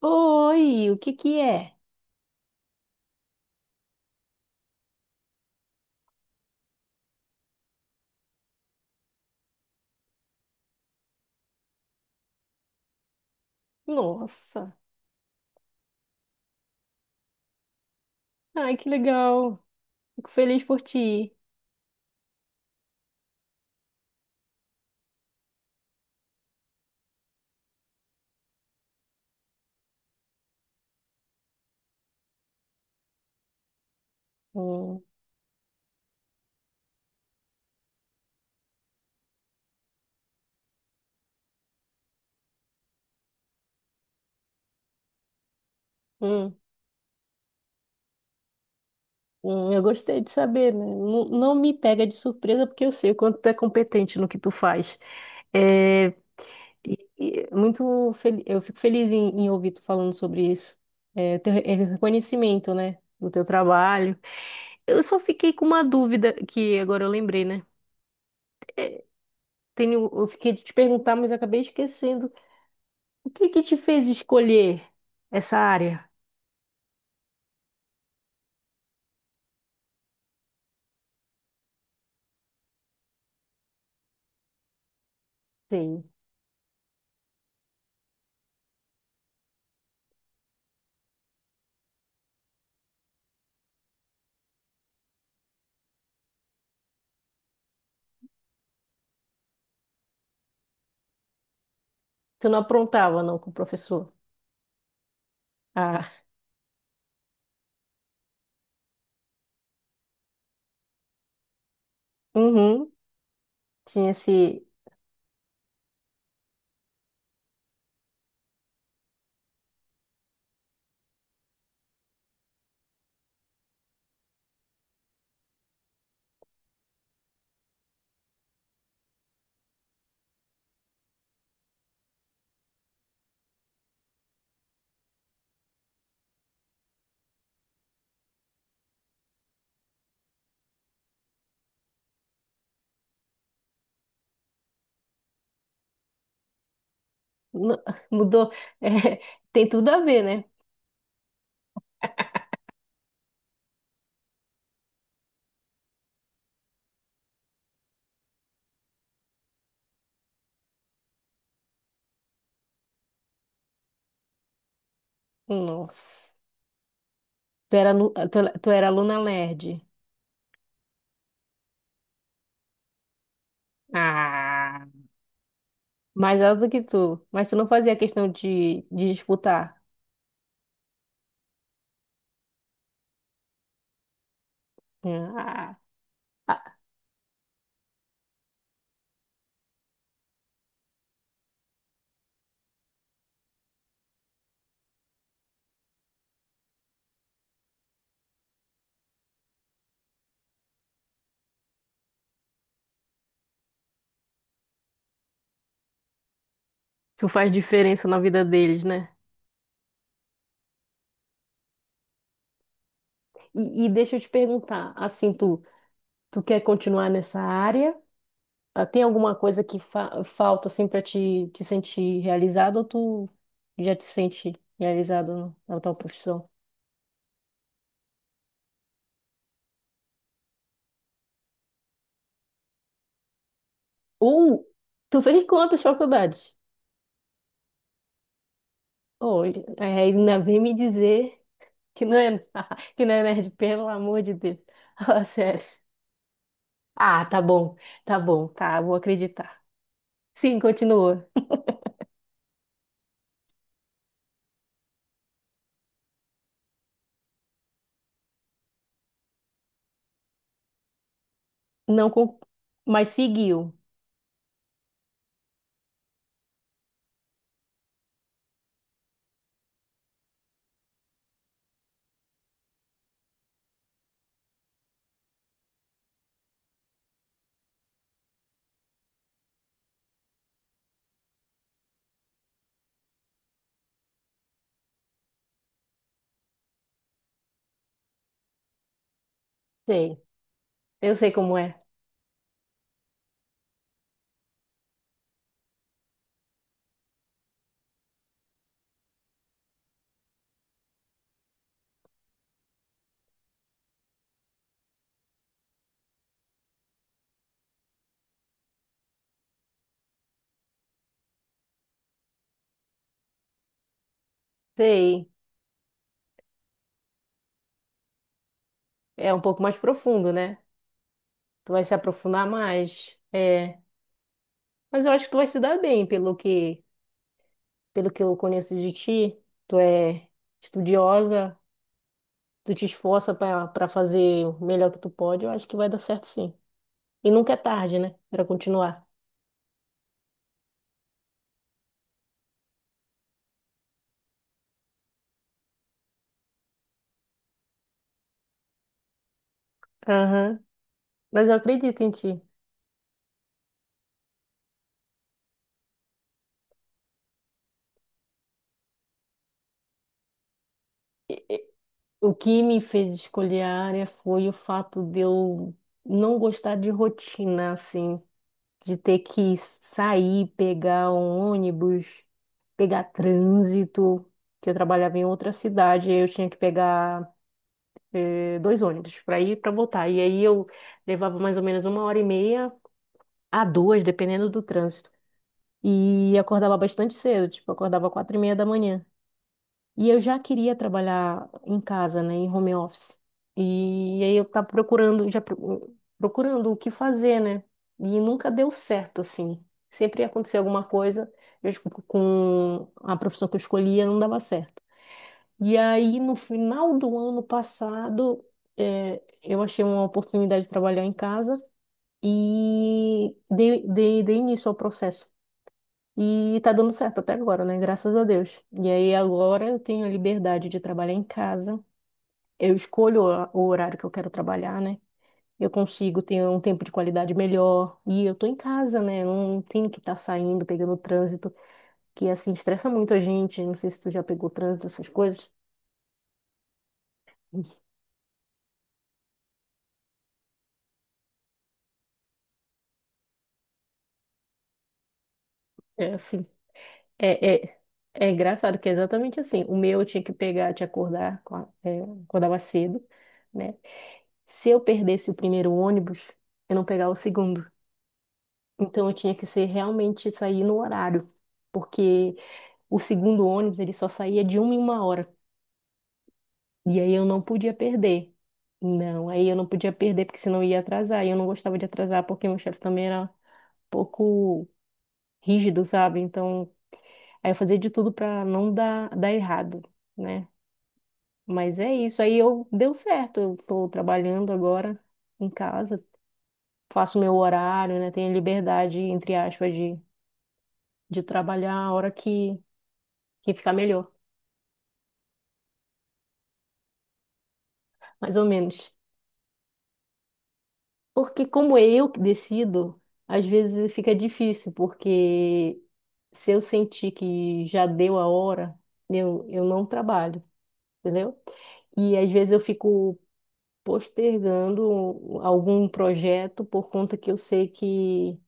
Oi, o que que é? Nossa. Ai, que legal. Fico feliz por ti. Hum, hum, eu gostei de saber, né? Não, não me pega de surpresa porque eu sei o quanto tu é competente no que tu faz. É, e eu fico feliz em ouvir tu falando sobre isso. É, é reconhecimento, né? Do teu trabalho. Eu só fiquei com uma dúvida que agora eu lembrei, né? Eu fiquei de te perguntar, mas acabei esquecendo. O que que te fez escolher essa área? Sim. Tu não aprontava, não, com o professor? Ah, uhum. Tinha esse. nu- Mudou. É, tem tudo a ver, né? Nossa. Tu era aluna nerd. Ah. Mais alto que tu. Mas tu não fazia questão de disputar. Ah. Ah, tu faz diferença na vida deles, né? E deixa eu te perguntar, assim, tu quer continuar nessa área? Ah, tem alguma coisa que falta assim para te sentir realizado ou tu já te sente realizado na tua profissão? Ou tu fez quantas faculdades? Olha, aí ainda vem me dizer que não é, que não é nerd, pelo amor de Deus. Fala sério. Ah, tá bom, tá bom, tá, vou acreditar. Sim, continua. Não, mas seguiu. Sei, eu sei como é. Sei, é um pouco mais profundo, né? Tu vai se aprofundar mais. É. Mas eu acho que tu vai se dar bem, pelo que eu conheço de ti. Tu é estudiosa, tu te esforça para fazer o melhor que tu pode. Eu acho que vai dar certo sim. E nunca é tarde, né? Para continuar. Aham. Mas eu acredito em ti. E o que me fez escolher a área foi o fato de eu não gostar de rotina, assim, de ter que sair, pegar um ônibus, pegar trânsito, que eu trabalhava em outra cidade, aí eu tinha que pegar dois ônibus para ir e para voltar. E aí eu levava mais ou menos uma hora e meia a duas, dependendo do trânsito. E acordava bastante cedo, tipo, acordava 4h30 da manhã. E eu já queria trabalhar em casa, né, em home office. E aí eu tava procurando, procurando o que fazer, né? E nunca deu certo, assim. Sempre ia acontecer alguma coisa, acho que com a profissão que eu escolhia, não dava certo. E aí, no final do ano passado, eu achei uma oportunidade de trabalhar em casa e dei início ao processo. E tá dando certo até agora, né? Graças a Deus. E aí, agora eu tenho a liberdade de trabalhar em casa. Eu escolho o horário que eu quero trabalhar, né? Eu consigo ter um tempo de qualidade melhor. E eu tô em casa, né? Eu não tenho que estar saindo, pegando trânsito, que assim estressa muito a gente. Não sei se tu já pegou trânsito, essas coisas. É assim. É, é, É engraçado que é exatamente assim. O meu eu tinha que pegar, te acordar, acordava cedo, né? Se eu perdesse o primeiro ônibus, eu não pegava o segundo. Então eu tinha que ser realmente sair no horário, porque o segundo ônibus ele só saía de uma em uma hora. E aí eu não podia perder. Não, aí eu não podia perder porque senão eu ia atrasar. E eu não gostava de atrasar porque meu chefe também era um pouco rígido, sabe? Então, aí eu fazia de tudo para não dar errado, né? Mas é isso. Aí eu deu certo. Eu tô trabalhando agora em casa, faço meu horário, né? Tenho liberdade, entre aspas, de trabalhar a hora que ficar melhor, mais ou menos. Porque como é eu que decido, às vezes fica difícil, porque se eu sentir que já deu a hora, eu não trabalho, entendeu? E às vezes eu fico postergando algum projeto por conta que eu sei que,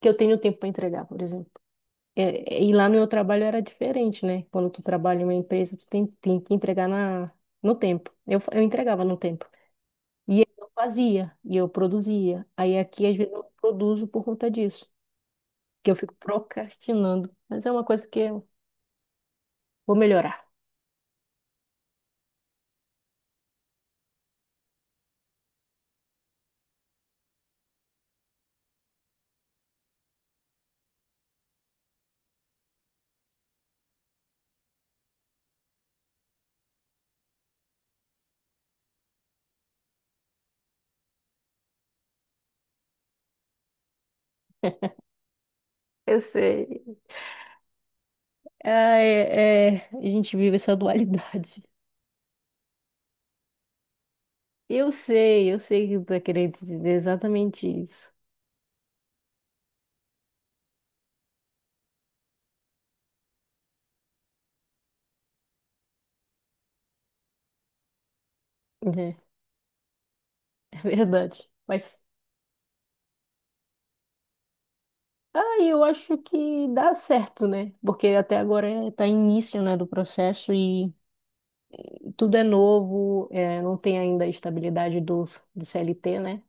que eu tenho tempo para entregar, por exemplo. E lá no meu trabalho era diferente, né? Quando tu trabalha em uma empresa, tu tem que entregar no tempo. Eu entregava no tempo. E eu fazia, e eu produzia. Aí aqui, às vezes, eu não produzo por conta disso, que eu fico procrastinando. Mas é uma coisa que eu vou melhorar. Eu sei. Ah, é, é, a gente vive essa dualidade. Eu sei que tu tá querendo dizer exatamente isso. É, é verdade. Mas eu acho que dá certo, né? Porque até agora está início, né, do processo e tudo é novo, não tem ainda a estabilidade do CLT, né?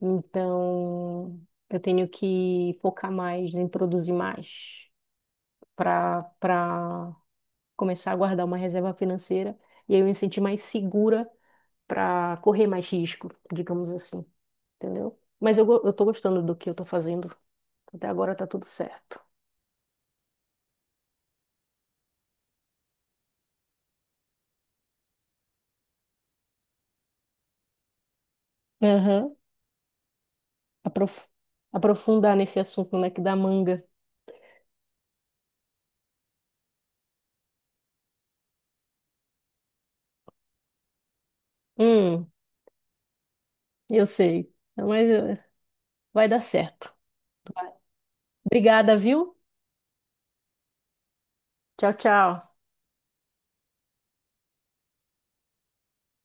Então eu tenho que focar mais em produzir mais para começar a guardar uma reserva financeira e aí eu me sentir mais segura para correr mais risco, digamos assim, entendeu? Mas eu tô gostando do que eu tô fazendo. Até agora tá tudo certo. aprof- aprofundar nesse assunto, né, que da manga. Hum, eu sei. Mas vai dar certo. Vai. Obrigada, viu? Tchau, tchau.